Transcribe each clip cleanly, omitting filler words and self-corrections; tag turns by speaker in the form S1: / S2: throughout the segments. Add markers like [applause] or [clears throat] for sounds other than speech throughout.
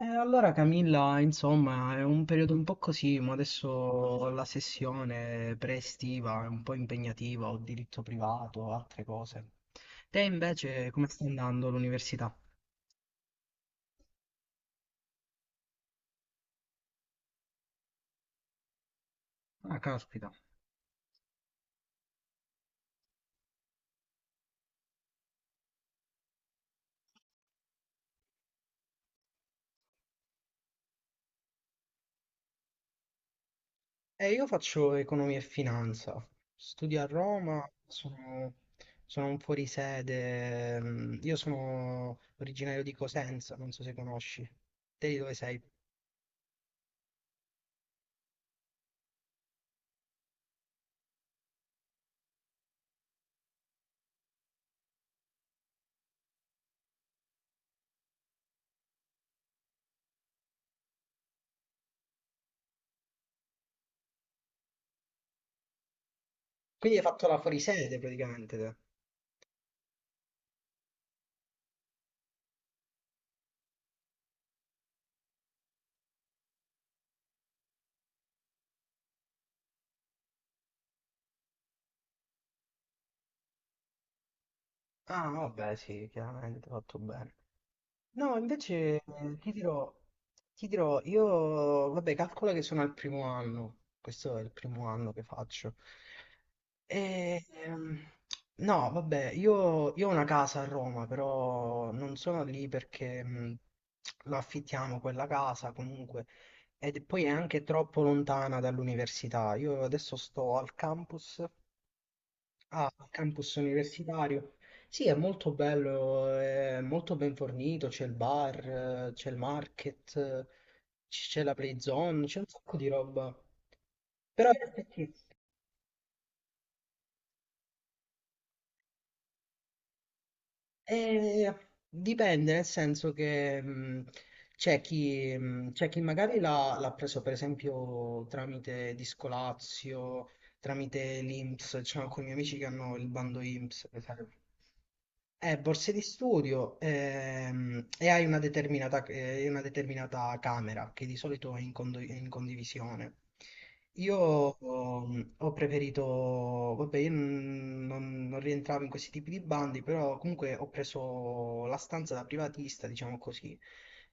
S1: Allora Camilla, insomma, è un periodo un po' così, ma adesso la sessione pre-estiva è un po' impegnativa, ho diritto privato, altre cose. Te invece come sta andando l'università? Ah, caspita. Io faccio economia e finanza, studio a Roma, sono un fuorisede, mm, io sono originario di Cosenza, non so se conosci. Te di dove sei? Quindi hai fatto la fuorisede praticamente te. Ah, vabbè, sì, chiaramente, fatto bene. No, invece ti dirò, io, vabbè, calcola che sono al primo anno, questo è il primo anno che faccio. E, ehm, no, vabbè, io ho una casa a Roma, però non sono lì perché lo affittiamo quella casa comunque, e poi è anche troppo lontana dall'università. Io adesso sto al campus. Ah, campus universitario. Sì, è molto bello, è molto ben fornito, c'è il bar, c'è il market, c'è la play zone, c'è un sacco di roba. Però eh, dipende, nel senso che c'è c'è chi magari l'ha preso per esempio tramite Discolazio, tramite l'INPS, c'è alcuni miei amici che hanno il bando INPS, per esempio. Borse di studio e hai una una determinata camera che di solito è in condivisione. Io ho, Ho preferito, vabbè, io non, non- non rientravo in questi tipi di bandi, però comunque ho preso la stanza da privatista, diciamo così,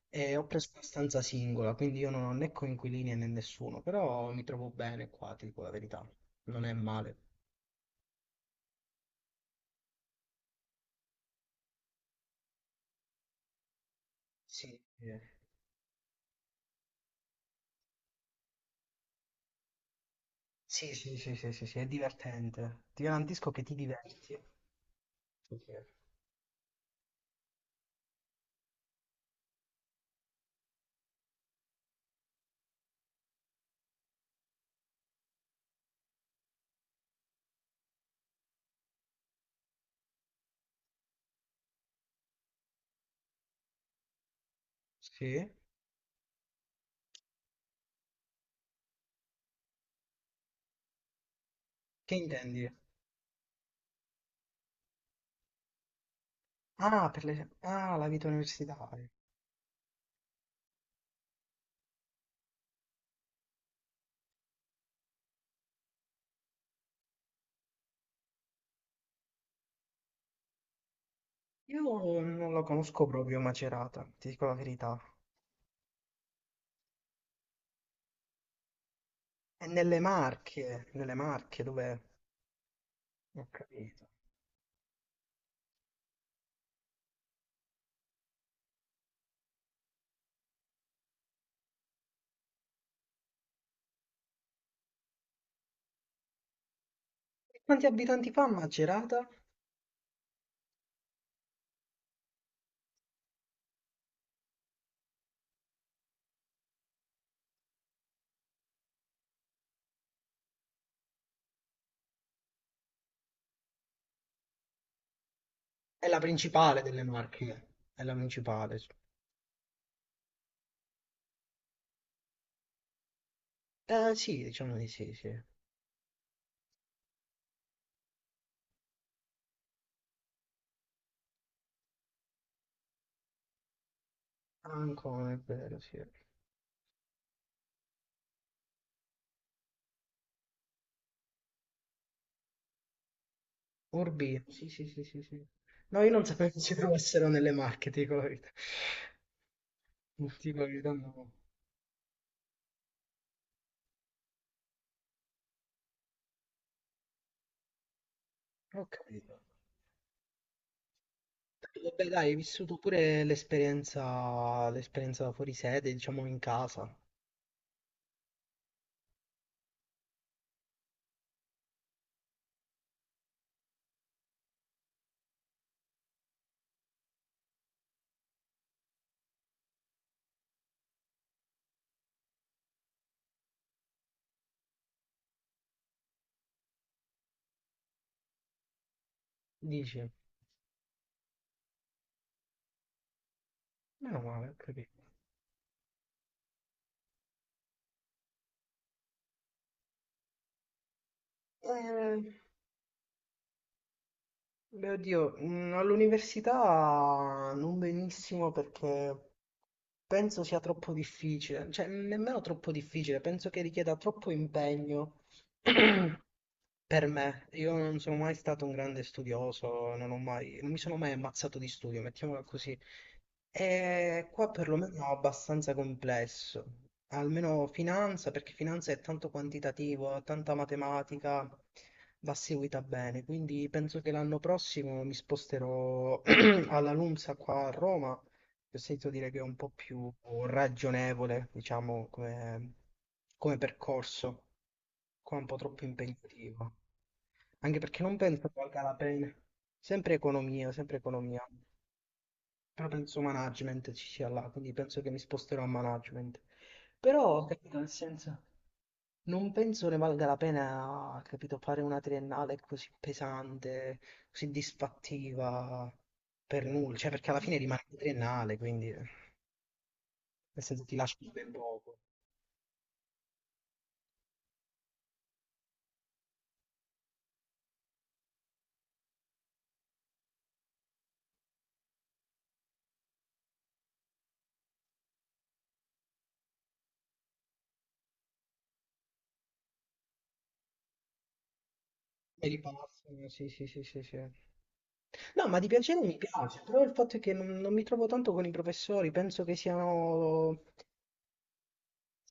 S1: e ho preso una stanza singola, quindi io non ho né coinquilini né nessuno, però mi trovo bene qua, ti dico la verità, non è male. Sì, eh. Sì, sì, sì, sì, sì, sì, è divertente. Ti garantisco che ti diverti. Ok. Sì? Che intendi? Ah, per le... ah, la vita universitaria. Io non lo conosco proprio Macerata, ti dico la verità. È nelle Marche, dove... Ho capito. E quanti abitanti fa Macerata? È la principale delle Marche. È la principale. Sì, diciamo di sì, sì. Ancora, è vero, sì. Urbi, sì, sì, sì, sì, sì. No, io non sapevo che ci fossero nelle Marche, ti dico la verità. Ti dico la verità, no. Ho capito. Dai, vabbè, dai, hai vissuto pure l'esperienza fuori sede, diciamo in casa. Dici, meno male, ho capito. Eh, Beh, oddio, mm, all'università non benissimo perché penso sia troppo difficile, cioè nemmeno troppo difficile, penso che richieda troppo impegno [clears throat] per me. Io non sono mai stato un grande studioso, non mi sono mai ammazzato di studio, mettiamola così. E qua perlomeno è abbastanza complesso. Almeno finanza, perché finanza è tanto quantitativo, ha tanta matematica, va seguita bene. Quindi penso che l'anno prossimo mi sposterò [clears throat] alla LUMSA qua a Roma, che ho sentito dire che è un po' più ragionevole, diciamo, come, come percorso. Qua è un po' troppo impegnativo. Anche perché non penso valga la pena. Sempre economia, sempre economia. Però penso management ci sia là, quindi penso che mi sposterò a management. Però, capito, nel senso... Non penso ne valga la pena, capito, fare una triennale così pesante, così disfattiva per nulla, cioè perché alla fine rimane una triennale, quindi nel senso ti lascio ben poco. E ripassano, sì, sì, sì, sì, sì. No, ma di piacere mi piace, però il fatto è che non mi trovo tanto con i professori, penso che siano.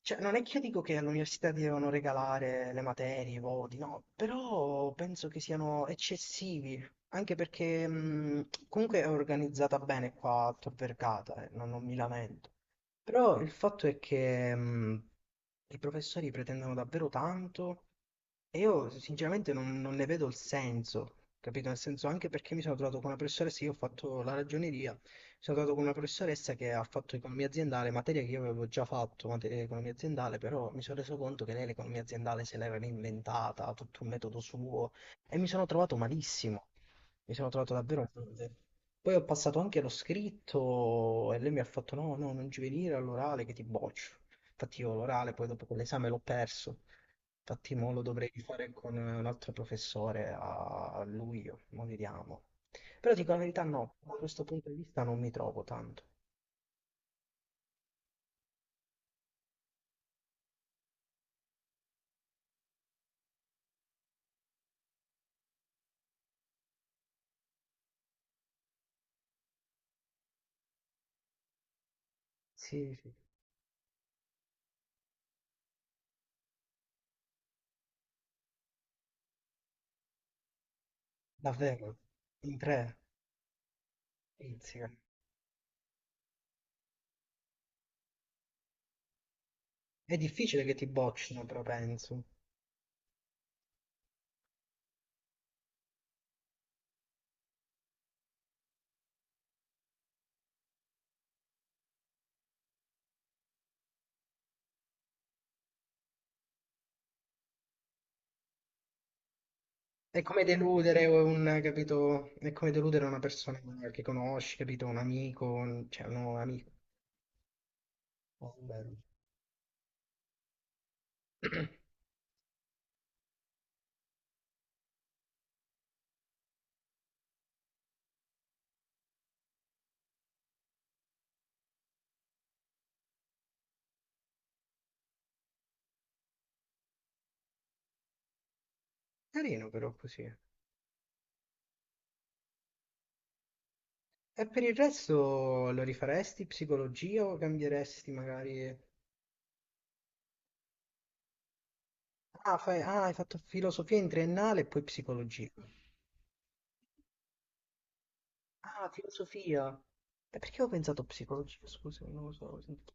S1: Cioè, non è che io dico che all'università ti devono regalare le materie, i voti, no, però penso che siano eccessivi, anche perché comunque è organizzata bene qua a Tor Vergata, non mi lamento. Però il fatto è che i professori pretendono davvero tanto e io sinceramente non ne vedo il senso, capito? Nel senso anche perché mi sono trovato con una professoressa, io ho fatto la ragioneria, mi sono trovato con una professoressa che ha fatto economia aziendale, materia che io avevo già fatto, materia di economia aziendale, però mi sono reso conto che lei l'economia aziendale se l'aveva inventata, tutto un metodo suo, e mi sono trovato malissimo, mi sono trovato davvero male. Poi ho passato anche lo scritto e lei mi ha fatto no, no, non ci venire all'orale che ti boccio. Infatti io l'orale poi dopo quell'esame l'ho perso. Infatti mo lo dovrei fare con un altro professore a luglio, ma vediamo. Però dico la verità, no, da questo punto di vista non mi trovo tanto. Sì, sì. Davvero, in tre, pizzica. È difficile che ti boccino, però penso. È come deludere un, capito? È come deludere una persona che conosci, capito? Cioè un nuovo amico. Oh, bello. [clears throat] Carino però così. E per il resto lo rifaresti psicologia o cambieresti magari... Ah, ah, hai fatto filosofia in triennale e poi psicologia. Ah, filosofia. E perché ho pensato psicologia? Scusa, non lo so. Ho sentito...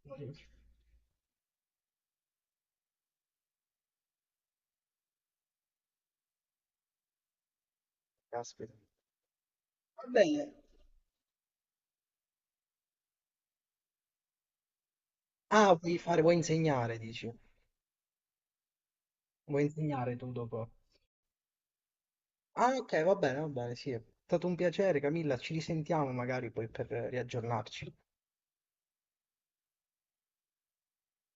S1: Caspita. Va bene. Ah, vuoi fare, vuoi insegnare, dici? Vuoi insegnare tu dopo? Ah, ok, va bene, sì. È stato un piacere, Camilla. Ci risentiamo magari poi per riaggiornarci.